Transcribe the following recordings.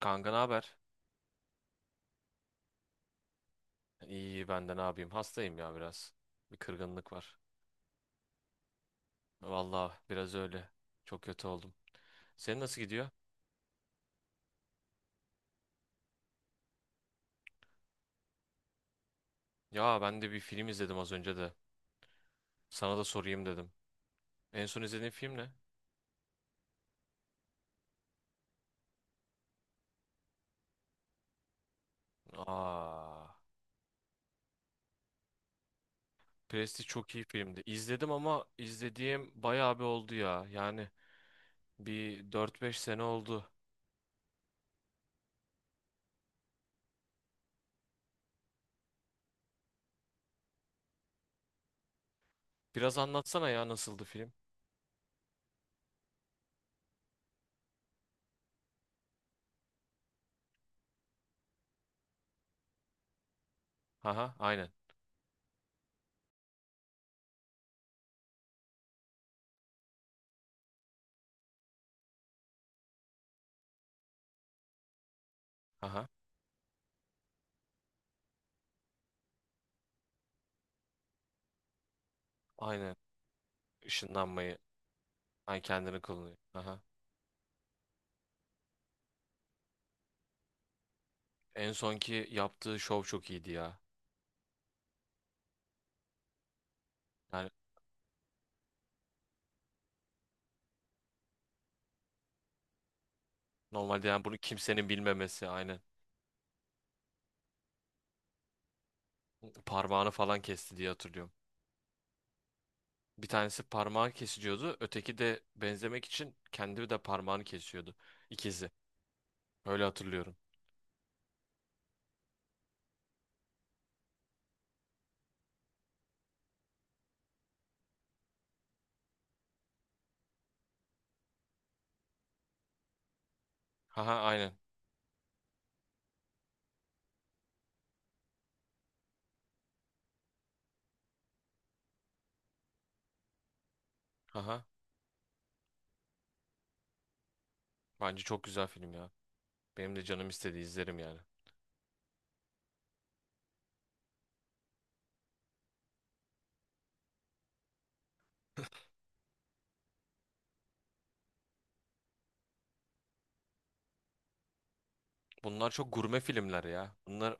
Kanka ne haber? İyi ben de ne yapayım? Hastayım ya biraz. Bir kırgınlık var. Vallahi biraz öyle. Çok kötü oldum. Senin nasıl gidiyor? Ya ben de bir film izledim az önce de. Sana da sorayım dedim. En son izlediğin film ne? Aa, Prestige çok iyi filmdi. İzledim ama izlediğim bayağı bir oldu ya. Yani bir dört beş sene oldu. Biraz anlatsana ya nasıldı film? Haha, aynen. Haha, aynen. Işınlanmayı. Ay kendini kullanıyor. Haha. En sonki yaptığı şov çok iyiydi ya. Yani normalde yani bunu kimsenin bilmemesi aynen. Parmağını falan kesti diye hatırlıyorum. Bir tanesi parmağı kesiliyordu. Öteki de benzemek için kendi de parmağını kesiyordu. İkizi. Öyle hatırlıyorum. Haha aynen. Haha. Bence çok güzel film ya. Benim de canım istedi izlerim yani. Bunlar çok gurme filmler ya. Bunlar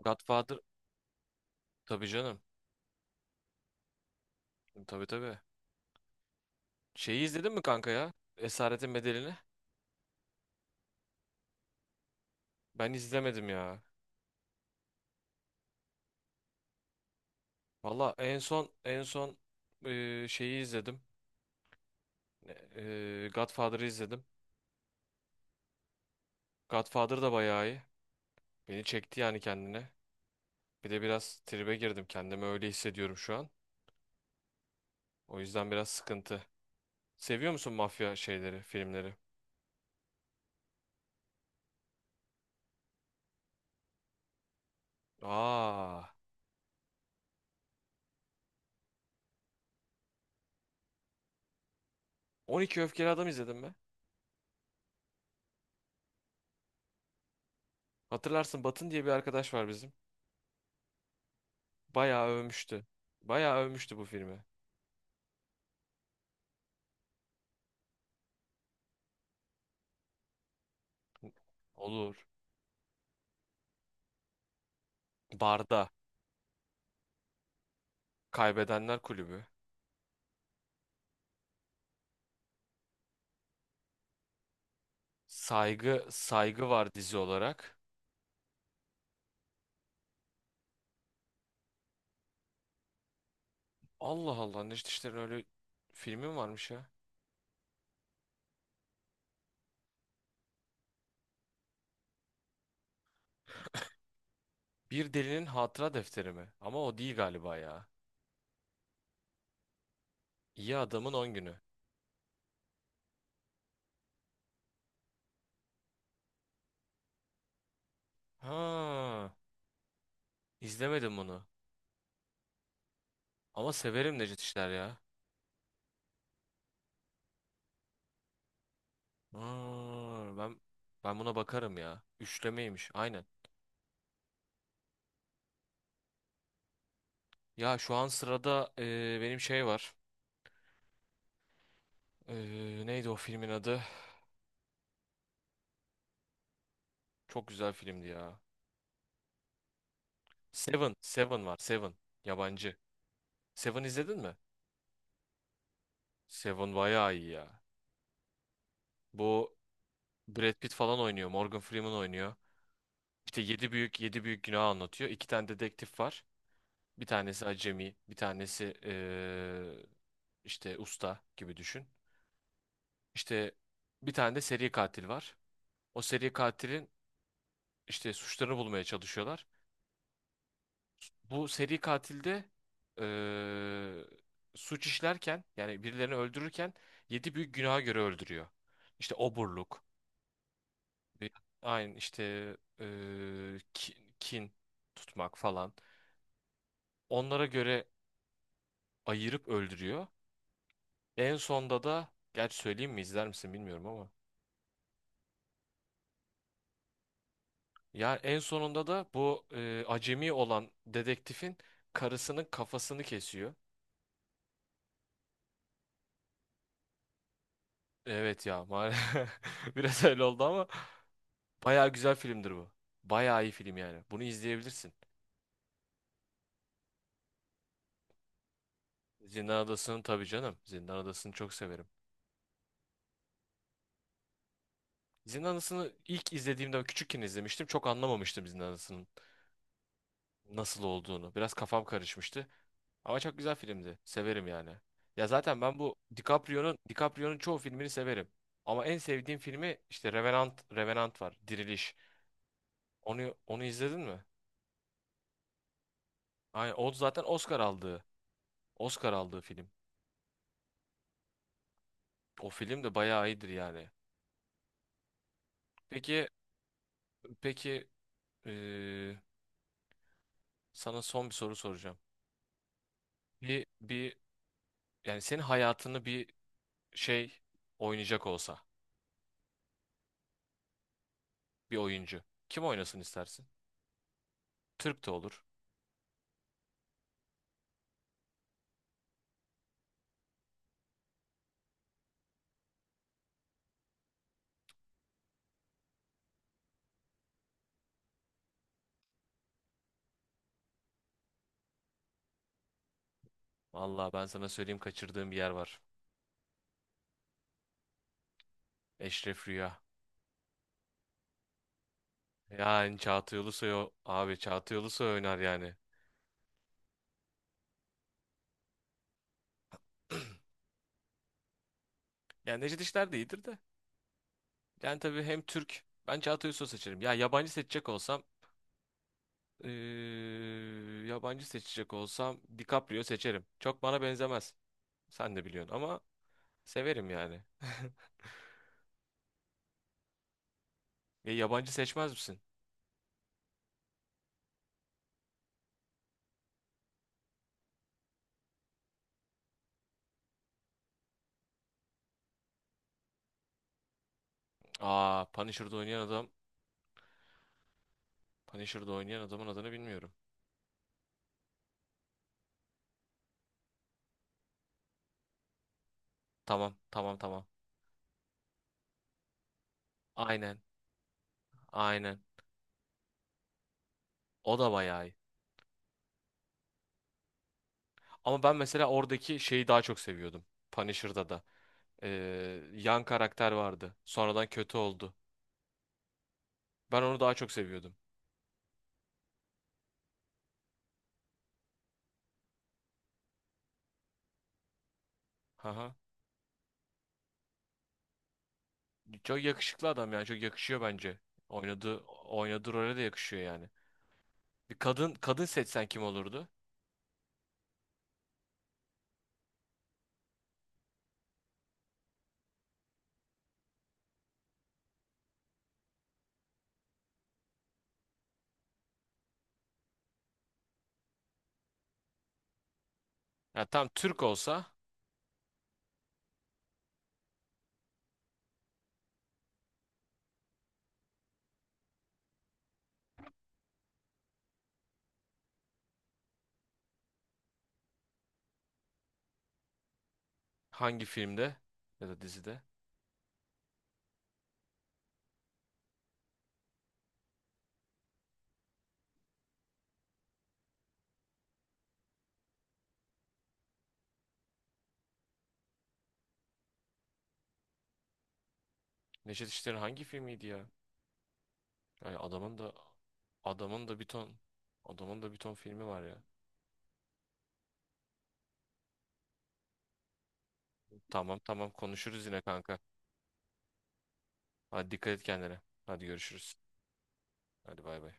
Godfather. Tabii canım. Tabii tabii. Şeyi izledin mi kanka ya? Esaretin Bedeli'ni. Ben izlemedim ya. Valla en son şeyi izledim. Godfather'ı izledim. Godfather da bayağı iyi. Beni çekti yani kendine. Bir de biraz tribe girdim. Kendimi öyle hissediyorum şu an. O yüzden biraz sıkıntı. Seviyor musun mafya şeyleri, filmleri? Aa, 12 Öfkeli Adam izledim mi? Hatırlarsın Batın diye bir arkadaş var bizim. Bayağı övmüştü. Bayağı övmüştü bu filmi. Olur. Barda. Kaybedenler Kulübü. Saygı, saygı var dizi olarak. Allah Allah, Necdet İşler'in öyle filmi mi varmış ya? Bir delinin hatıra defteri mi? Ama o değil galiba ya. İyi adamın on günü. Ha, izlemedim bunu. Ama severim Necdet İşler ya. Ha, ben buna bakarım ya. Üçlemeymiş. Aynen. Ya şu an sırada benim şey var. E, neydi o filmin adı? Çok güzel filmdi ya. Seven. Seven var. Seven. Yabancı. Seven izledin mi? Seven bayağı iyi ya. Bu Brad Pitt falan oynuyor. Morgan Freeman oynuyor. İşte yedi büyük günah anlatıyor. İki tane dedektif var. Bir tanesi acemi, bir tanesi işte usta gibi düşün. İşte bir tane de seri katil var. O seri katilin işte suçlarını bulmaya çalışıyorlar. Bu seri katilde eee suç işlerken yani birilerini öldürürken yedi büyük günaha göre öldürüyor. İşte oburluk, e, aynı işte eee, ki- kin tutmak falan. Onlara göre ayırıp öldürüyor. En sonda da gerçi söyleyeyim mi izler misin bilmiyorum ama. Ya en sonunda da bu acemi olan dedektifin karısının kafasını kesiyor. Evet ya maalesef biraz öyle oldu ama bayağı güzel filmdir bu. Bayağı iyi film yani. Bunu izleyebilirsin. Zindan Adası'nı tabii canım. Zindan Adası'nı çok severim. Zindan Adası'nı ilk izlediğimde küçükken izlemiştim. Çok anlamamıştım Zindan Adası'nın nasıl olduğunu. Biraz kafam karışmıştı. Ama çok güzel filmdi. Severim yani. Ya zaten ben bu DiCaprio'nun çoğu filmini severim. Ama en sevdiğim filmi işte Revenant Revenant var. Diriliş. Onu izledin mi? Aynen o zaten Oscar aldığı. Oscar aldığı film. O film de bayağı iyidir yani. Peki peki eee, sana son bir soru soracağım. Bir yani senin hayatını bir şey oynayacak olsa bir oyuncu kim oynasın istersin? Türk de olur. Vallahi ben sana söyleyeyim kaçırdığım bir yer var. Eşref Rüya. Yani Çağatay Ulusoy abi Çağatay Ulusoy oynar yani. Yani Necdet İşler de iyidir de. Yani tabii hem Türk. Ben Çağatay Ulusoy seçerim. Ya eee, yabancı seçecek olsam DiCaprio seçerim. Çok bana benzemez. Sen de biliyorsun ama severim yani. E, yabancı seçmez misin? Aa, Punisher'da oynayan adam. Punisher'da oynayan adamın adını bilmiyorum. Tamam, tamam, tamam. Aynen, aynen. O da bayağı iyi. Ama ben mesela oradaki şeyi daha çok seviyordum. Punisher'da da. e, yan karakter vardı. Sonradan kötü oldu. Ben onu daha çok seviyordum. Haha. Çok yakışıklı adam yani çok yakışıyor bence. Oynadığı role de yakışıyor yani. Bir kadın seçsen kim olurdu? Ya tam Türk olsa hangi filmde ya da dizide? Neşet İşler'in hangi filmiydi ya? Yani adamın da bir ton adamın da bir ton filmi var ya. Tamam tamam konuşuruz yine kanka. Hadi dikkat et kendine. Hadi görüşürüz. Hadi bay bay.